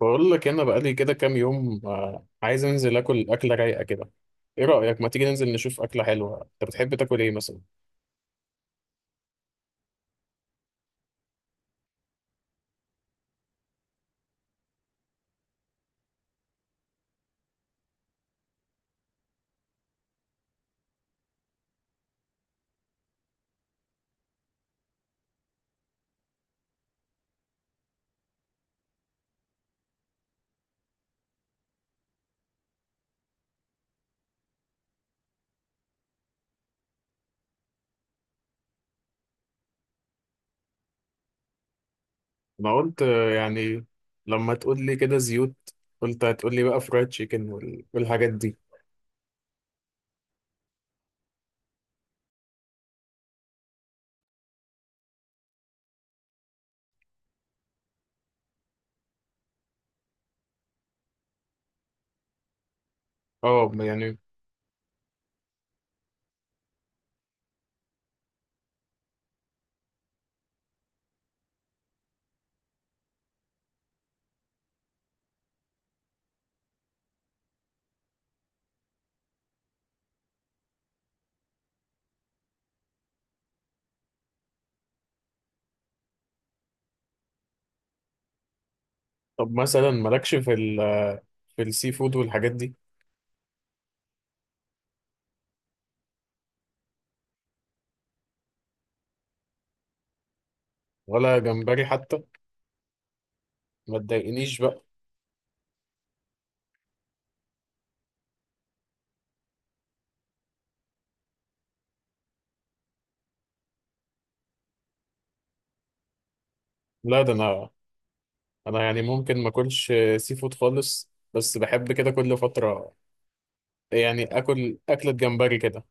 بقول لك انا بقالي كده كام يوم، عايز انزل اكل اكله رايقه كده. ايه رايك ما تيجي ننزل نشوف اكله حلوه؟ انت بتحب تاكل ايه مثلا؟ انا قلت يعني لما تقول لي كده زيوت، قلت هتقول لي بقى فرايد تشيكن والحاجات دي. اه يعني. طب مثلا مالكش في في السي فود والحاجات دي؟ ولا جمبري حتى؟ ما تضايقنيش بقى. لا ده انا يعني ممكن ما اكلش سي فود خالص، بس بحب كده كل فتره، يعني اكل اكله جمبري كده.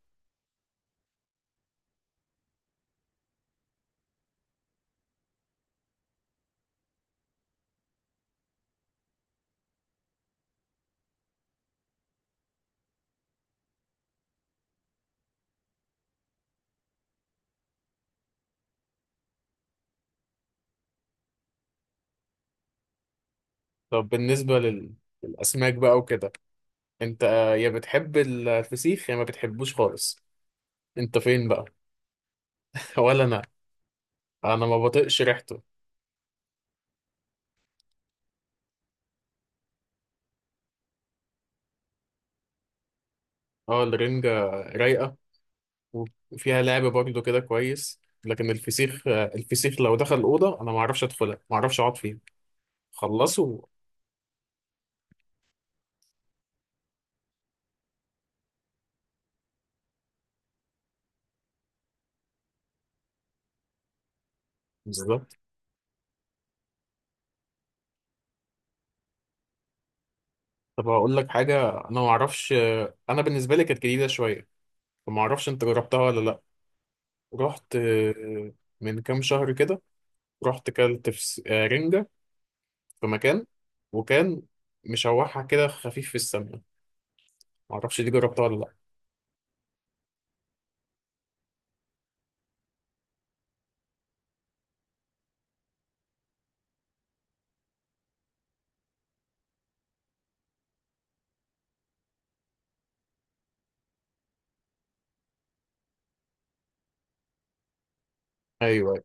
طب بالنسبة للأسماك بقى وكده، أنت يا بتحب الفسيخ يا ما بتحبوش خالص؟ أنت فين بقى؟ ولا أنا. أنا ما بطيقش ريحته. أه الرنجة رايقة وفيها لعب برضه كده كويس، لكن الفسيخ الفسيخ لو دخل الأوضة أنا ما أعرفش أدخلها، ما أعرفش أقعد فيها. خلصوا. بالظبط. طب هقول لك حاجة، أنا ما أعرفش، أنا بالنسبة لي كانت جديدة شوية، فما أعرفش أنت جربتها ولا لأ. رحت من كام شهر كده، رحت كلت فس... آه، رنجة في مكان، وكان مشوحها كده خفيف في السمنة، معرفش دي جربتها ولا لأ. أيوه،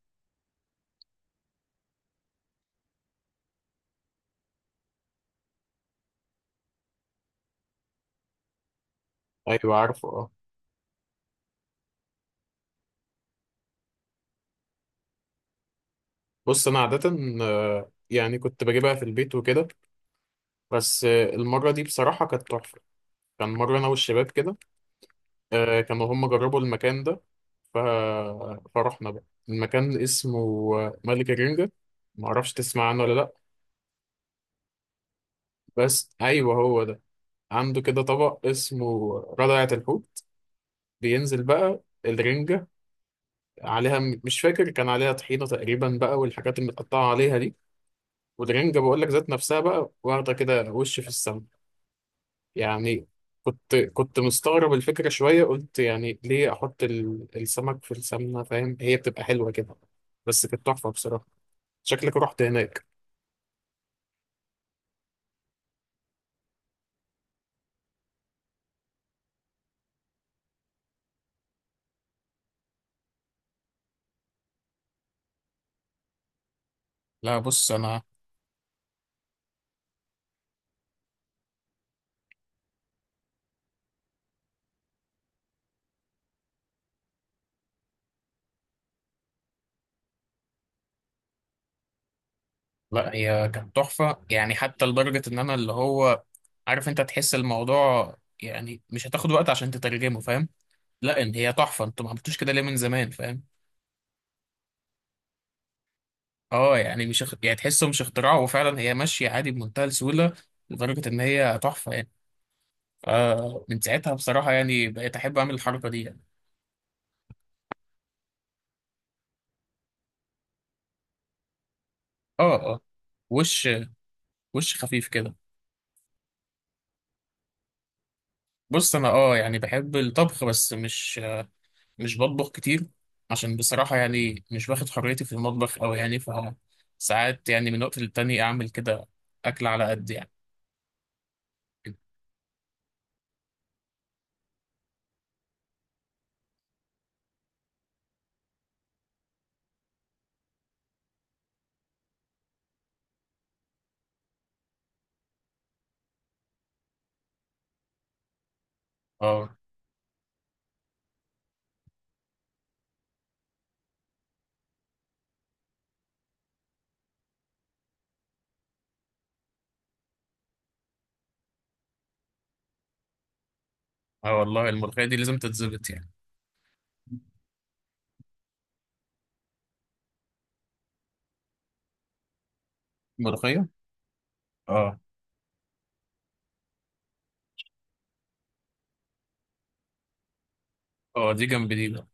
أيوه عارفه أه. بص أنا عادة يعني كنت بجيبها في البيت وكده، بس المرة دي بصراحة كانت تحفة. كان مرة أنا والشباب كده، كانوا هم جربوا المكان ده، ف... فرحنا بقى. المكان اسمه ملك الرنجة، معرفش تسمع عنه ولا لأ. بس أيوه هو ده. عنده كده طبق اسمه ردعة الحوت، بينزل بقى الرنجة عليها، مش فاكر كان عليها طحينة تقريبا بقى، والحاجات المتقطعة عليها دي، والرنجة بقول لك ذات نفسها بقى واخدة كده وش في السماء يعني. كنت مستغرب الفكرة شوية، قلت يعني ليه أحط السمك في السمنة، فاهم هي بتبقى حلوة كده، بس كانت تحفة بصراحة. شكلك رحت هناك. لا بص أنا، لا هي كانت تحفة يعني، حتى لدرجة إن أنا اللي هو، عارف أنت تحس الموضوع، يعني مش هتاخد وقت عشان تترجمه فاهم. لا إن هي تحفة، أنتوا ما عملتوش كده ليه من زمان فاهم. اه يعني مش يعني تحسه مش اختراع، وفعلا هي ماشيه عادي بمنتهى السهوله، لدرجه ان هي تحفه يعني. فمن ساعتها بصراحه يعني بقيت احب اعمل الحركه دي يعني. اه اه. وش، وش خفيف كده. بص انا يعني بحب الطبخ، بس مش بطبخ كتير، عشان بصراحه يعني مش باخد حريتي في المطبخ قوي، يعني ف ساعات يعني من وقت للتاني اعمل كده اكل على قد يعني. اه اه، والله الملوخيه دي لازم تتظبط يعني. ملوخيه. اه اه، دي جنب دي بقى.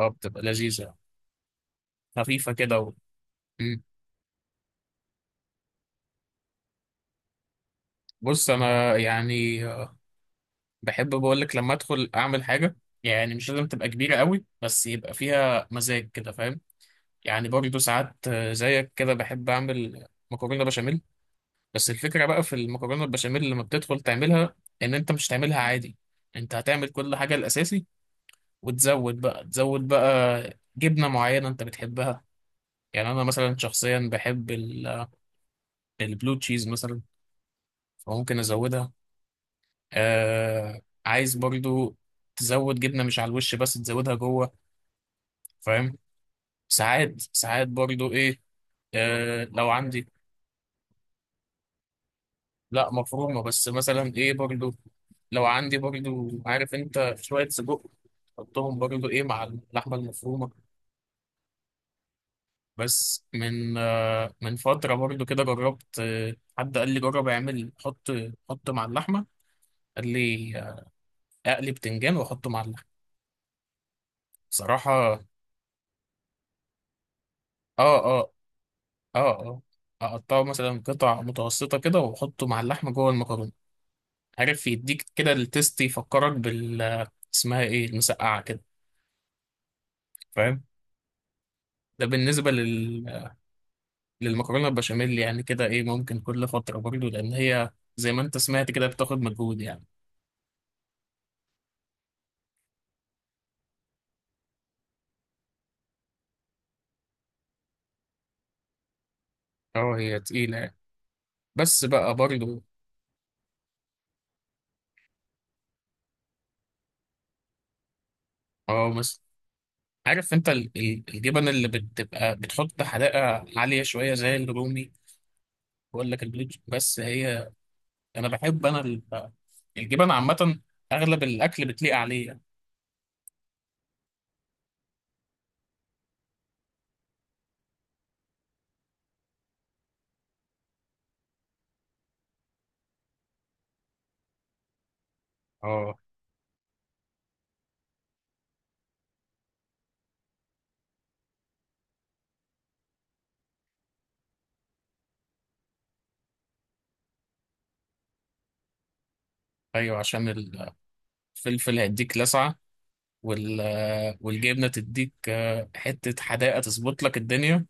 اه بتبقى لذيذه خفيفة كده و... مم. بص أنا يعني بحب بقولك لما أدخل أعمل حاجة، يعني مش لازم تبقى كبيرة قوي بس يبقى فيها مزاج كده فاهم. يعني برضه ساعات زيك كده بحب أعمل مكرونة بشاميل. بس الفكرة بقى في المكرونة البشاميل لما بتدخل تعملها، إن أنت مش تعملها عادي، أنت هتعمل كل حاجة الأساسي، وتزود بقى جبنة معينة أنت بتحبها. يعني أنا مثلا شخصيا بحب البلو تشيز مثلا، فممكن أزودها. آه، عايز برضو تزود جبنة مش على الوش بس تزودها جوه، فاهم. ساعات ساعات برضو ايه، لو عندي، لا مفرومة، بس مثلا ايه برضو، لو عندي برضو عارف انت شوية سجق، حطهم برضو ايه مع اللحمة المفرومة. بس من فترة برضو كده، جربت، حد قال لي جرب اعمل حط مع اللحمة، قال لي اقلي بتنجان واحطه مع اللحمة، بصراحة. اه اه اه اه. اقطعه مثلا قطع متوسطة كده واحطه مع اللحمة جوه المكرونة، عارف يديك كده التيست، يفكرك بال، اسمها ايه، المسقعة كده، فاهم. ده بالنسبة للمكرونة البشاميل يعني، كده ايه ممكن كل فترة برضه، لأن هي زي ما انت سمعت كده بتاخد مجهود يعني. اه هي تقيلة يعني. بس بقى برضه، اه مثلا، عارف انت الجبن اللي بتبقى بتحط حدائق عالية شوية زي الرومي. بقول لك البلوج، بس هي انا بحب، الجبن عامه اغلب الاكل بتليق عليه يعني. اه ايوه، عشان الفلفل هيديك لسعه، وال والجبنه تديك حته حداقه تظبط لك الدنيا.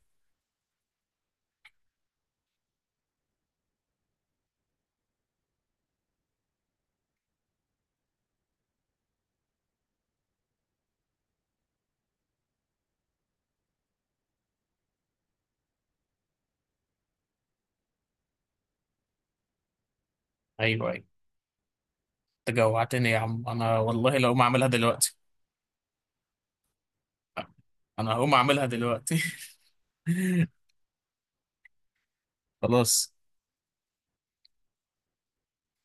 ايوه ايوه. انت جوعتني يا عم، انا والله لو ما اعملها دلوقتي. انا هقوم اعملها دلوقتي. خلاص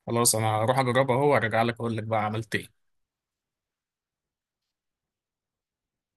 خلاص، انا هروح اجربها اهو وارجع لك اقول لك بقى عملت ايه.